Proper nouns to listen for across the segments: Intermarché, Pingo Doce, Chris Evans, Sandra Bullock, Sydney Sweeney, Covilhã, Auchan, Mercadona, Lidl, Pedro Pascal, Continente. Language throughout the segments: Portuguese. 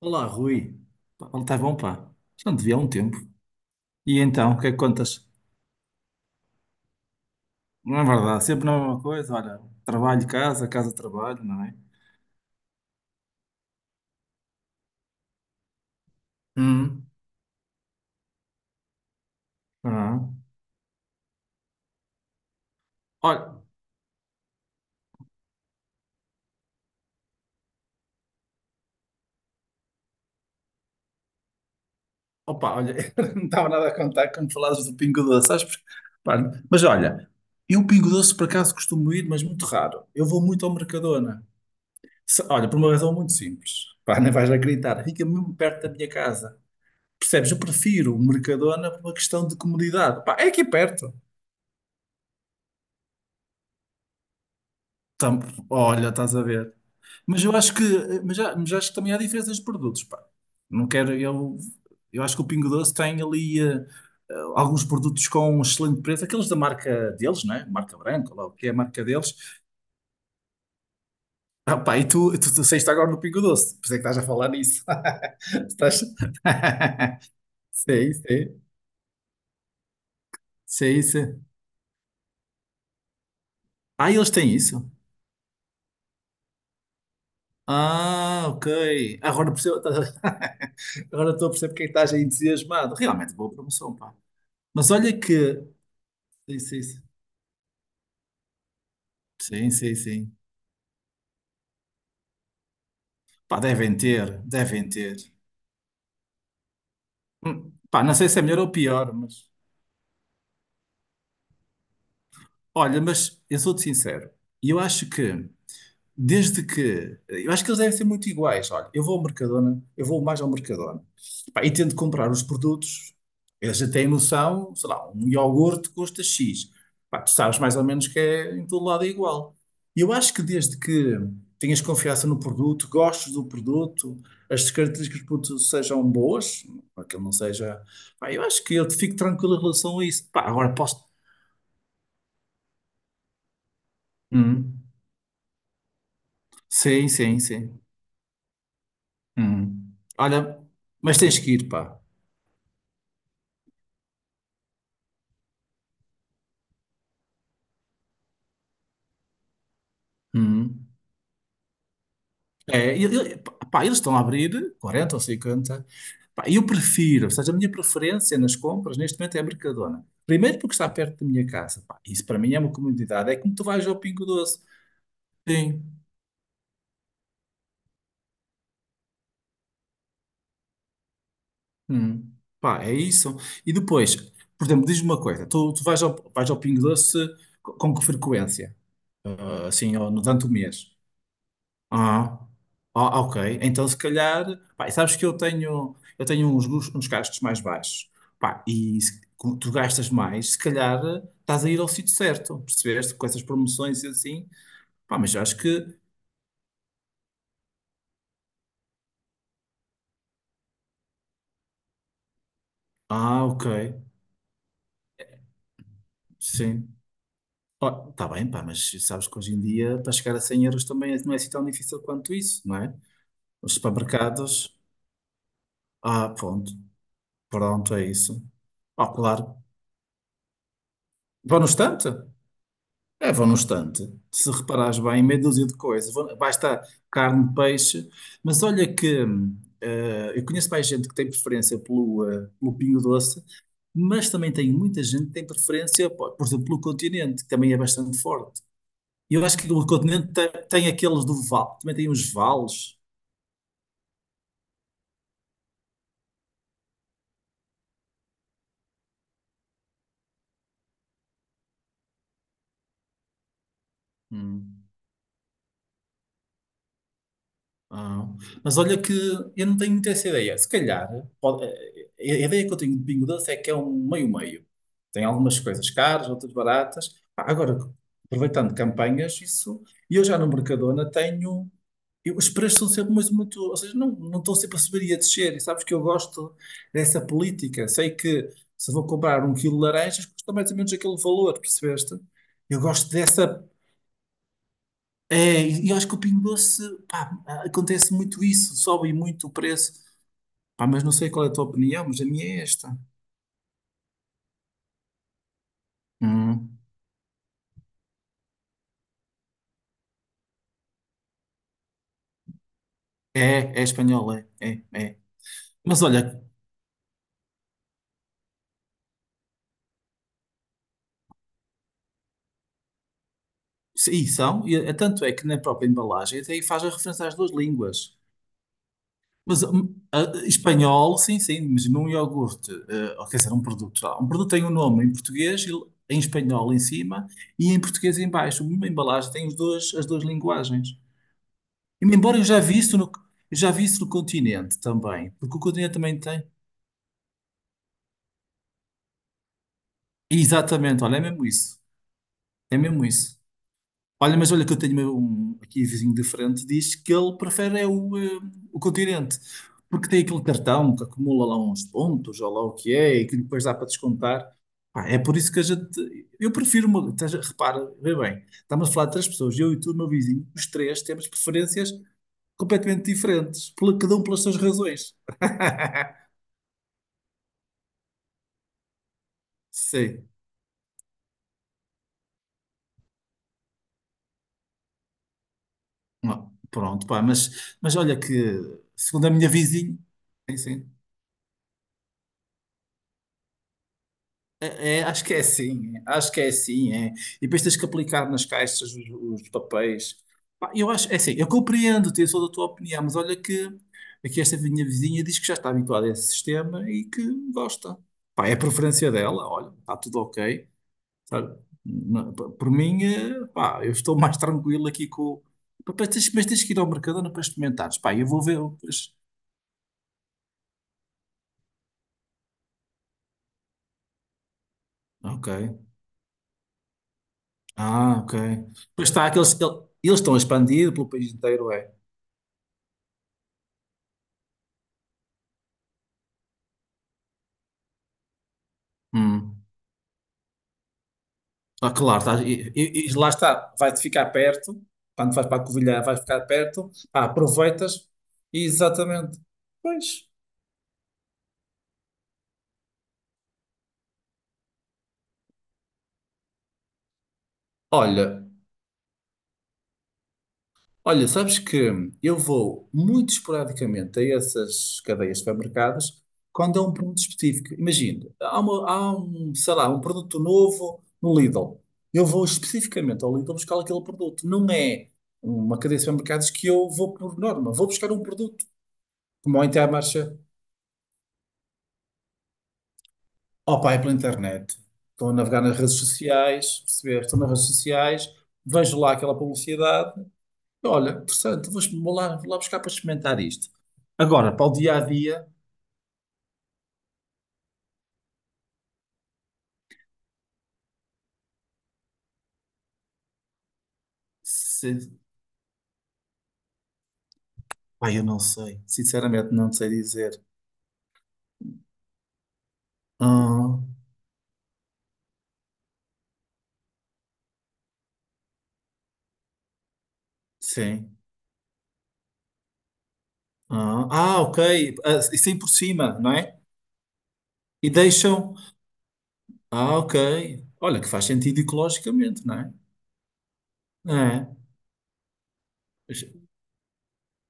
Olá, Rui. Pá, está bom, pá. Já não te vi há um tempo. E então, o que é que contas? Não é verdade, sempre na mesma coisa. Olha, trabalho, casa, casa, trabalho, não é? Hum, ah. Olha, opa, olha, eu não estava nada a contar quando falavas do Pingo Doce, sabes? Pá, mas olha, eu Pingo Doce por acaso costumo ir, mas muito raro. Eu vou muito ao Mercadona. Olha, por uma razão muito simples. Pá, não vais acreditar. Fica mesmo perto da minha casa. Percebes? Eu prefiro o Mercadona por uma questão de comodidade. Pá, é aqui perto. Tam- Olha, estás a ver. Mas eu acho que, mas, mas acho que também há diferenças de produtos, pá. Não quero, eu acho que o Pingo Doce tem ali alguns produtos com um excelente preço, aqueles da marca deles, né? Marca branca, lá o que é a marca deles. Ah, pá, e tu saíste agora no Pingo Doce, por isso é que estás a falar nisso. Estás... Sei, sei, sei, sei. Ah, eles têm isso. Ah, ok. Agora percebo, agora estou a perceber porque é que estás aí entusiasmado. Realmente boa promoção, pá. Mas olha que. Sim, sim, sim. Sim, sim, sim. Pá, devem ter, devem ter. Pá, não sei se é melhor ou pior, mas. Olha, mas eu sou-te sincero. E eu acho que desde que, eu acho que eles devem ser muito iguais. Olha, eu vou ao Mercadona, eu vou mais ao Mercadona. Pá, e tento comprar os produtos. Eles já têm noção, sei lá, um iogurte custa X. Pá, tu sabes mais ou menos que é em todo lado é igual. E eu acho que desde que tenhas confiança no produto, gostes do produto, as características do produto sejam boas, para que ele não seja. Pá, eu acho que eu fico tranquilo em relação a isso. Pá, agora posso. Hum. Sim, sim, sim. Hum. Olha, mas tens que ir, pá. Hum. É, pá, eles estão a abrir quarenta ou 50. Pá, eu prefiro, ou seja, a minha preferência nas compras neste momento é a Mercadona. Primeiro porque está perto da minha casa. Pá, isso para mim é uma comodidade. É como tu vais ao Pingo Doce. Sim. Hum. Pá, é isso. E depois, por exemplo, diz-me uma coisa. Tu, tu vais ao Pingo Doce com que frequência? Ah, assim, ou durante o mês? Ah, ah, ok. Então, se calhar, pá, sabes que eu tenho uns, uns gastos mais baixos. Pá, e se, como tu gastas mais, se calhar estás a ir ao sítio certo, percebeste? Com essas promoções e assim. Pá, mas eu acho que. Ah, ok. Sim. Ó, tá bem, pá, mas sabes que hoje em dia, para chegar a 100 euros também é, não é assim tão difícil quanto isso, não é? Os supermercados. Ah, pronto. Pronto, é isso. Ah, claro. Vão no estante? É, vão no estante. Se reparares bem, meia dúzia de coisas. Vai estar carne, peixe. Mas olha que eu conheço mais gente que tem preferência pelo, pelo Pingo Doce, mas também tem muita gente que tem preferência, pô, por exemplo, pelo Continente, que também é bastante forte. E eu acho que o Continente tem, aqueles do Val, também tem uns vales. Hum. Ah, mas olha que eu não tenho muito essa ideia. Se calhar, pode- a a ideia que eu tenho de Bingo Doce é que é um meio-meio. Tem algumas coisas caras, outras baratas. Ah, agora, aproveitando campanhas, isso. E eu já no Mercadona tenho. Os preços são sempre muito, muito. Ou seja, não, não estão sempre a subir e a descer. E sabes que eu gosto dessa política. Sei que se vou comprar 1 quilo de laranjas, custa mais ou menos aquele valor, percebeste? Eu gosto dessa. É, e eu acho que o Pingo Doce, pá, acontece muito isso, sobe muito o preço. Pá, mas não sei qual é a tua opinião, mas a minha é esta. Hum. É, é espanhol, é, é, é. Mas olha, e são, tanto é que na própria embalagem até aí faz a referência às duas línguas. Mas espanhol, sim, sim, mas num iogurte, ou quer dizer, um produto, sei lá, um produto tem um nome em português, e em espanhol em cima e em português em baixo. Uma embalagem tem os dois, as duas linguagens. E, embora eu já vi isso no, eu já vi isso no continente também, porque o continente também tem. Exatamente, olha, é mesmo isso. É mesmo isso. Olha, mas olha que eu tenho um, aqui vizinho de frente, diz que ele prefere é o, o continente, porque tem aquele cartão que acumula lá uns pontos, ou lá o que é, e que depois dá para descontar. Pá, é por isso que a gente. Eu prefiro. Uma, repara, vê bem, estamos a falar de três pessoas, eu e tu, meu vizinho, os três temos preferências completamente diferentes, cada um pelas suas razões. Sim. Ah, pronto, pá, mas olha que, segundo a minha vizinha, sim, sim. É, é, acho que é assim, é, acho que é assim, é. E depois tens que aplicar nas caixas os papéis. Pá, eu acho, é assim, eu compreendo, tenho sou da tua opinião, mas olha que aqui esta minha vizinha diz que já está habituada a esse sistema e que gosta. Pá, é a preferência dela, olha, está tudo ok, sabe? Por mim, pá, eu estou mais tranquilo aqui com. Pá, mas tens, mas tens que ir ao Mercadona para experimentares. Pá, eu vou ver. Pois. Ok. Ah, ok. Pois está, aqueles, eles estão a expandir pelo país inteiro, é. Hum. Ah, claro, e lá está, vai-te ficar perto, quando vais para a Covilhã, vais ficar perto, ah, aproveitas, exatamente. Pois, olha, Olha, sabes que eu vou muito esporadicamente a essas cadeias de supermercados quando é um produto específico. Imagina, há, há um, sei lá, um produto novo no Lidl. Eu vou especificamente ao Lidl buscar aquele produto. Não é uma cadeia de supermercados que eu vou por norma. Vou buscar um produto, como ao Intermarché. Opa, é pela internet. Estou a navegar nas redes sociais, perceber, estou nas redes sociais, vejo lá aquela publicidade. Olha, interessante, vou, vou lá buscar para experimentar isto. Agora, para o dia a dia, se... Pai, eu não sei. Sinceramente, não sei dizer. Ah, sim. Ah, ah, ok. Ah, e sim por cima, não é? E deixam. Ah, ok. Olha, que faz sentido ecologicamente, não é? É.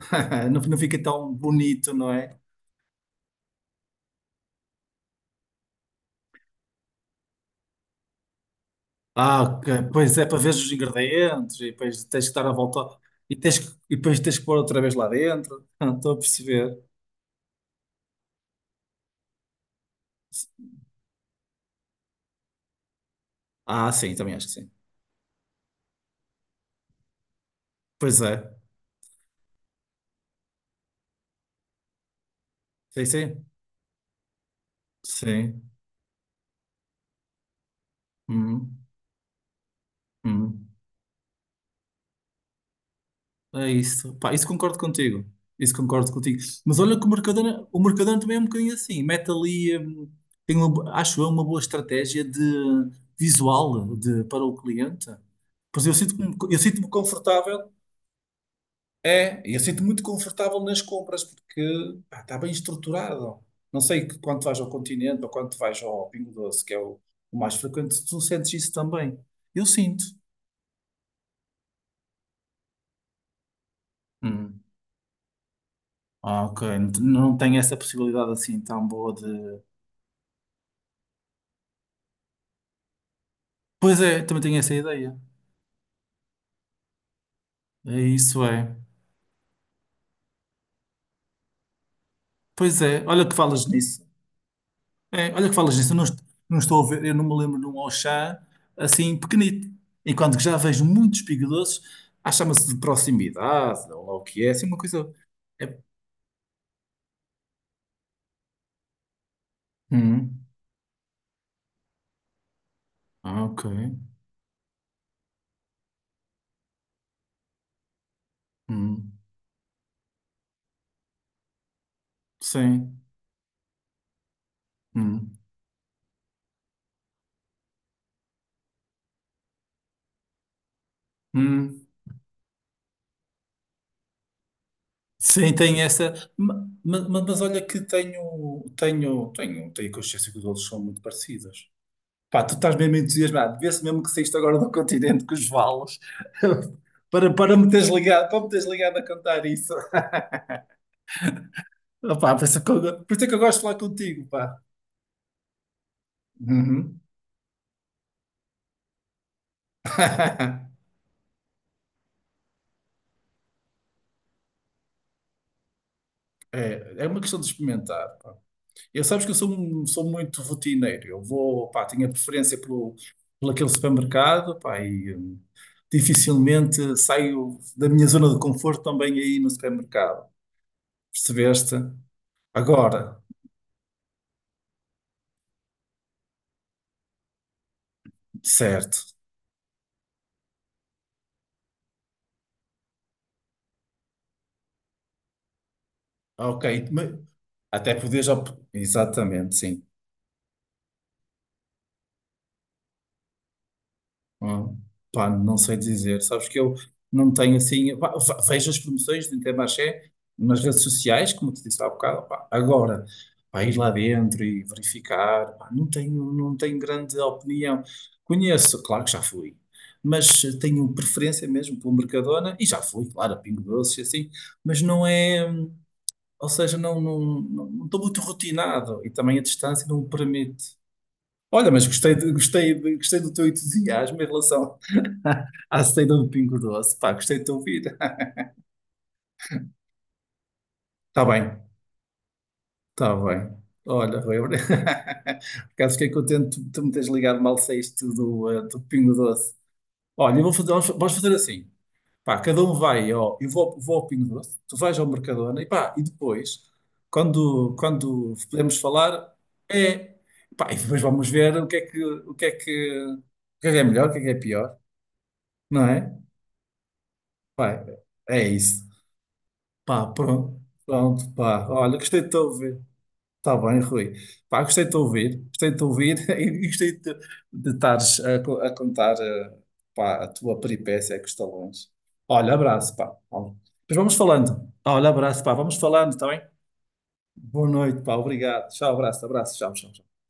Não, não fica tão bonito, não é? Ah, ok. Pois é, para ver os ingredientes e depois tens que dar a volta e, e depois tens que pôr outra vez lá dentro. Ah, estou a perceber. Ah, sim, também acho que sim. Pois é. Sim, sim. Sim. Hum, hum. É isso. Pá, isso concordo contigo. Isso concordo contigo. Mas olha que o Mercadona também é um bocadinho assim. Mete ali, tem uma, acho eu, uma boa estratégia de visual de, para o cliente. Pois eu sinto-me confortável. É, e eu sinto-me muito confortável nas compras porque pá, está bem estruturado. Não sei que quando vais ao Continente ou quando vais ao Pingo Doce, que é o mais frequente, tu sentes isso também. Eu sinto. Hum. Ah, ok. Não tenho essa possibilidade assim tão boa de. Pois é, também tenho essa ideia. É isso, é. Pois é, olha que falas nisso. É, olha que falas nisso, eu não, não estou a ver, eu não me lembro de um Auchan assim pequenito. Enquanto que já vejo muitos Pingo Doces, ah, chama-se de proximidade, ou lá o que é, assim uma coisa. É... Hum, ah, ok. Hum, sim. Hum, hum. Sim, tem essa. Mas, olha que tenho consciência que os outros são muito parecidos. Pá, tu estás mesmo entusiasmado. Vê-se mesmo que saíste agora do continente com os valos. Para, para me teres ligado, para me teres ligado a contar isso. opa por isso é que eu, por isso é que eu gosto de falar contigo, pá. Uhum. É, é uma questão de experimentar, pá. Eu sabes que eu sou, sou muito rotineiro. Eu vou, pá, tenho a preferência pelo, por aquele supermercado, pá, e dificilmente saio da minha zona de conforto também aí no supermercado. Percebeste? Agora, certo. Ok, mas até podes... exatamente, sim. Ah, pá, não sei dizer. Sabes que eu não tenho assim. Pá, vejo as promoções do Intermarché nas redes sociais, como te disse há bocado. Pá. Agora, pá, ir lá dentro e verificar, pá, não tenho, não tenho grande opinião. Conheço, claro que já fui, mas tenho preferência mesmo pelo Mercadona e já fui, claro, a Pingo Doce e assim, mas não é. Ou seja, não estou muito rotinado e também a distância não me permite. Olha, mas gostei, gostei, gostei do teu entusiasmo em relação à saída do Pingo Doce. Pá, gostei de te ouvir. Está bem, está bem. Olha, Rui, por acaso fiquei contente de tu me teres ligado mal saíste do, do Pingo Doce. Olha, eu vou fazer, vamos fazer assim. Pá, cada um vai, ó, eu vou, vou ao Pingo Doce, tu vais ao Mercadona e pá, e depois, quando, quando podemos falar, é... Pá, e depois vamos ver o que é que, o que é que, o que é melhor, o que é pior, não é? Pá, é isso. Pá, pronto, pronto, pá. Olha, gostei de te ouvir. Está bem, Rui. Pá, gostei de te ouvir. Gostei de te ouvir e gostei de estares a, a contar, pá, a tua peripécia com os talões. Olha, abraço, pá. Olha. Depois vamos falando. Olha, abraço, pá. Vamos falando, está bem? Boa noite, pá. Obrigado. Tchau, abraço, abraço. Tchau, tchau.